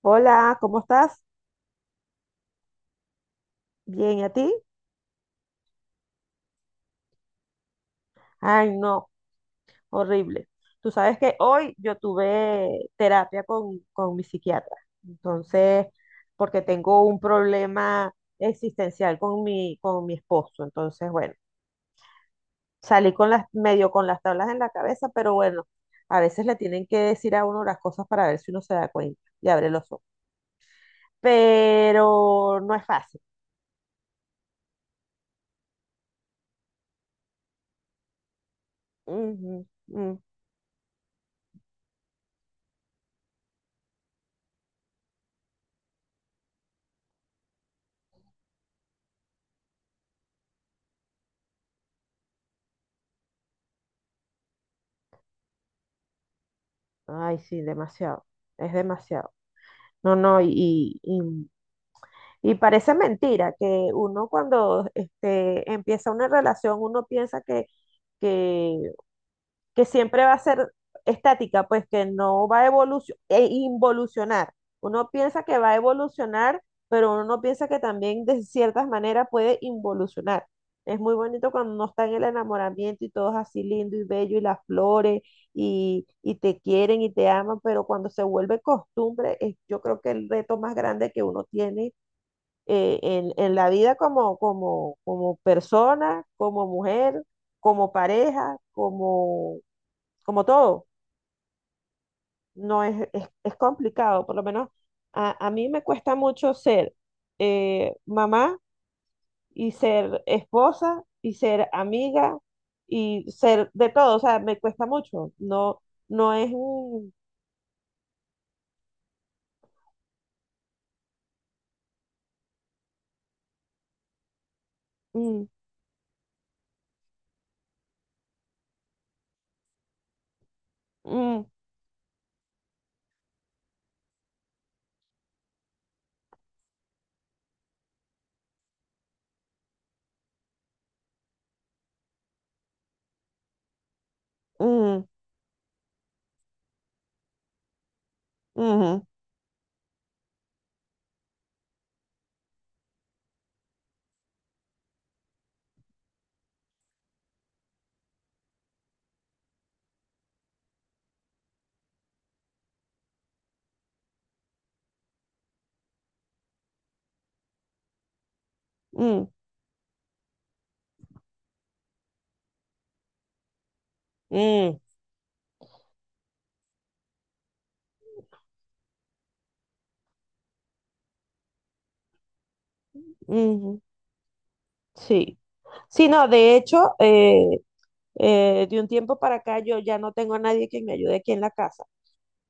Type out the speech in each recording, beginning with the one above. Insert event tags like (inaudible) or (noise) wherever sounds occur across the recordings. Hola, ¿cómo estás? Bien, ¿y a ti? Ay, no, horrible. Tú sabes que hoy yo tuve terapia con mi psiquiatra, entonces, porque tengo un problema existencial con mi esposo, entonces, bueno, salí medio con las tablas en la cabeza, pero bueno, a veces le tienen que decir a uno las cosas para ver si uno se da cuenta y abre los ojos, pero no es fácil. Ujú, mm. Ay, sí, demasiado, es demasiado. No, no, y parece mentira que uno cuando empieza una relación, uno piensa que que siempre va a ser estática, pues que no va a evolucionar, involucionar. Uno piensa que va a evolucionar, pero uno no piensa que también de ciertas maneras puede involucionar. Es muy bonito cuando uno está en el enamoramiento y todo es así lindo y bello y las flores y te quieren y te aman, pero cuando se vuelve costumbre, yo creo que el reto más grande que uno tiene en la vida como persona, como mujer, como pareja, como todo, no es complicado, por lo menos a mí me cuesta mucho ser mamá y ser esposa y ser amiga y ser de todo, o sea, me cuesta mucho, no, no. un- un- un- ujú, un- un- ujú, sí. Sí, no, de hecho, de un tiempo para acá yo ya no tengo a nadie que me ayude aquí en la casa.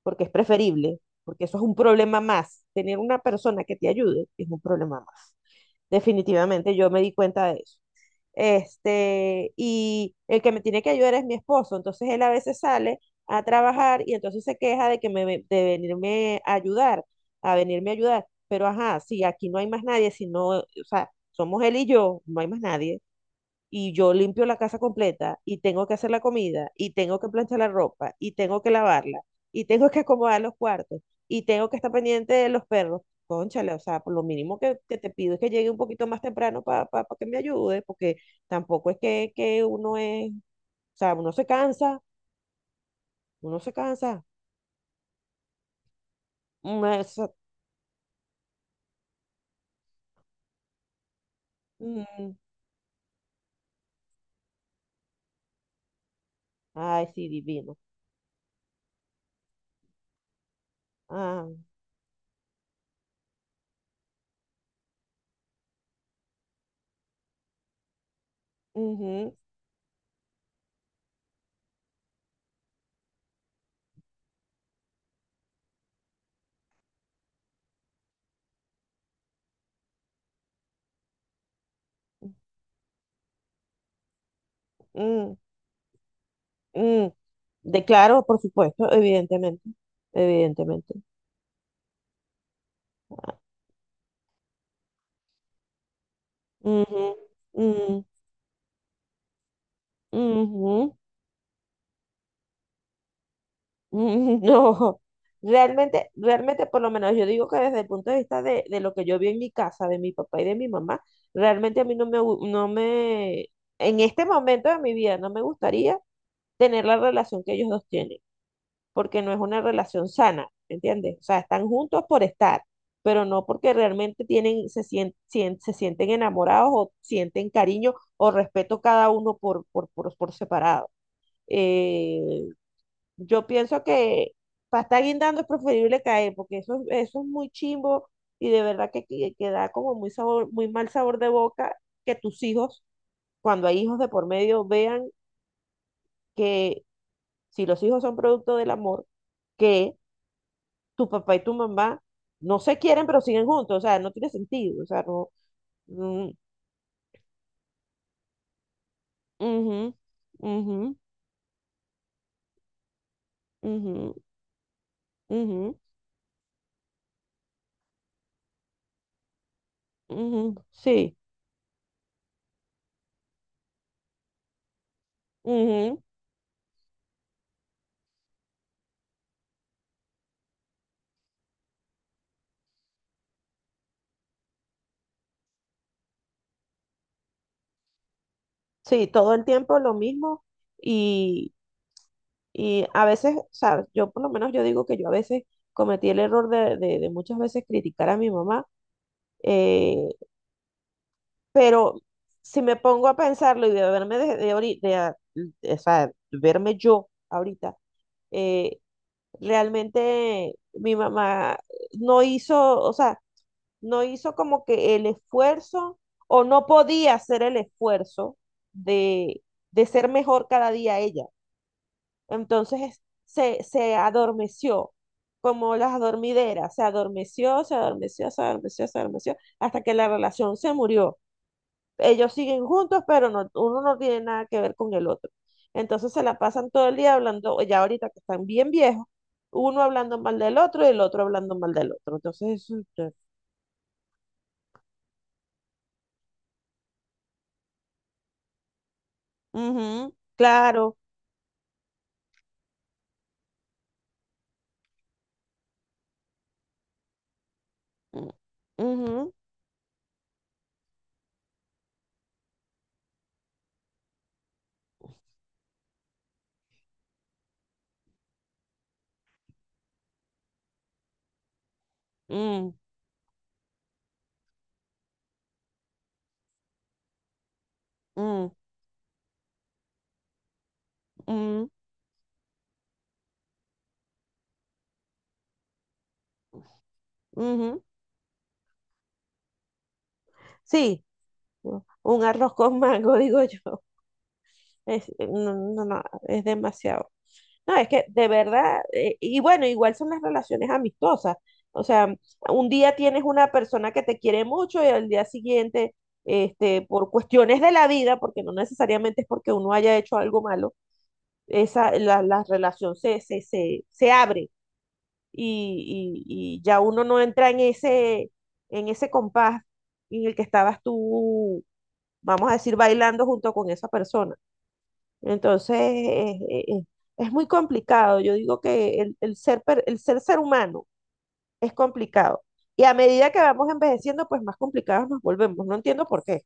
Porque es preferible, porque eso es un problema más. Tener una persona que te ayude es un problema más. Definitivamente yo me di cuenta de eso. Y el que me tiene que ayudar es mi esposo, entonces él a veces sale a trabajar y entonces se queja de de venirme a ayudar, pero ajá, si aquí no hay más nadie, si no, o sea, somos él y yo, no hay más nadie y yo limpio la casa completa y tengo que hacer la comida y tengo que planchar la ropa y tengo que lavarla y tengo que acomodar los cuartos y tengo que estar pendiente de los perros. Cónchale, o sea, por lo mínimo que te pido es que llegue un poquito más temprano para que me ayude, porque tampoco es que o sea, uno se cansa, uno se cansa. Mm, mm, ay, sí, divino. Ah, ujú, mm, mm. De claro, por supuesto, evidentemente, evidentemente. Ujú, mm, ujú, mm, (laughs) no, realmente, realmente por lo menos yo digo que desde el punto de vista de lo que yo vi en mi casa, de mi papá y de mi mamá, realmente a mí no me, en este momento de mi vida no me gustaría tener la relación que ellos dos tienen, porque no es una relación sana, ¿me entiendes? O sea, están juntos por estar, pero no porque realmente se sienten enamorados o sienten cariño o respeto cada uno por separado. Eh, yo pienso que para estar guindando es preferible caer, porque eso es muy chimbo y de verdad que da como muy mal sabor de boca que tus hijos, cuando hay hijos de por medio, vean que si los hijos son producto del amor, que tu papá y tu mamá no se quieren, pero siguen juntos, o sea, no tiene sentido, o sea, no. Mm, ujú, ujú, ujú, ujú, ujú, sí, ujú, sí, todo el tiempo lo mismo y Y a veces, o sea, yo por lo menos yo digo que yo a veces cometí el error de muchas veces criticar a mi mamá, eh, pero si me pongo a pensarlo y de verme de, ahori- de a- de- o sea, verme yo ahorita, eh, realmente mi mamá no hizo, o sea, no hizo como que el esfuerzo o no podía hacer el esfuerzo de, de ser mejor cada día ella. Entonces se adormeció, como las adormideras, se adormeció, se adormeció, se adormeció, se adormeció, hasta que la relación se murió. Ellos siguen juntos, pero no, uno no tiene nada que ver con el otro. Entonces se la pasan todo el día hablando, ya ahorita que están bien viejos, uno hablando mal del otro y el otro hablando mal del otro. Entonces, eso, ujú, claro. Mm, ujú, mm, mm, mm, ujú. Sí, un arroz con mango, (laughs) digo yo. No, no, no, es demasiado. No, es que de verdad, y bueno, igual son las relaciones amistosas. O sea, un día tienes una persona que te quiere mucho y al día siguiente, por cuestiones de la vida, porque no necesariamente es porque uno haya hecho algo malo, la relación se abre y ya uno no entra en ese, compás en el que estabas tú, vamos a decir, bailando junto con esa persona. Entonces, es muy complicado. Yo digo que el ser humano es complicado. Y a medida que vamos envejeciendo, pues más complicados nos volvemos. No entiendo por qué.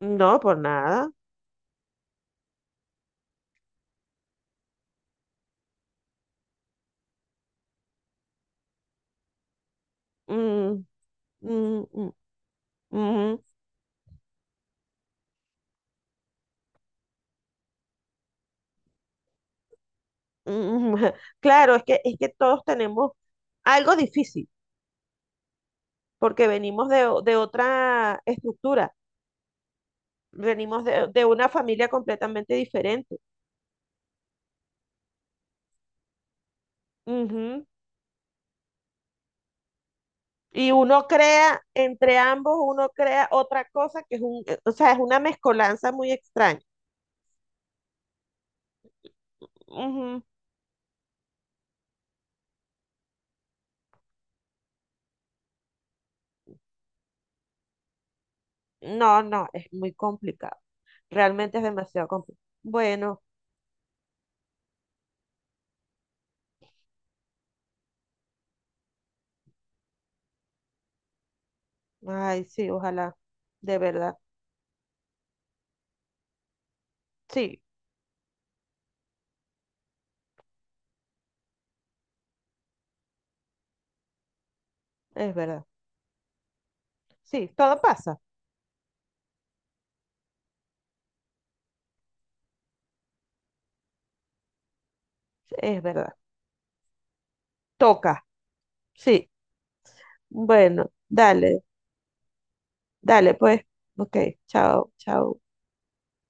No, por nada. Mm, mm, mm, mm, mm. (laughs) Claro, es que todos tenemos algo difícil, porque venimos de otra estructura, venimos de una familia completamente diferente. Y uno crea, entre ambos, uno crea otra cosa que o sea, es una mezcolanza muy extraña. Ujú. No, no, es muy complicado. Realmente es demasiado complicado. Bueno, ay, sí, ojalá, de verdad. Sí, es verdad. Sí, todo pasa. Es verdad. Toca. Sí. Bueno, dale, dale, pues. Ok, chao, chao.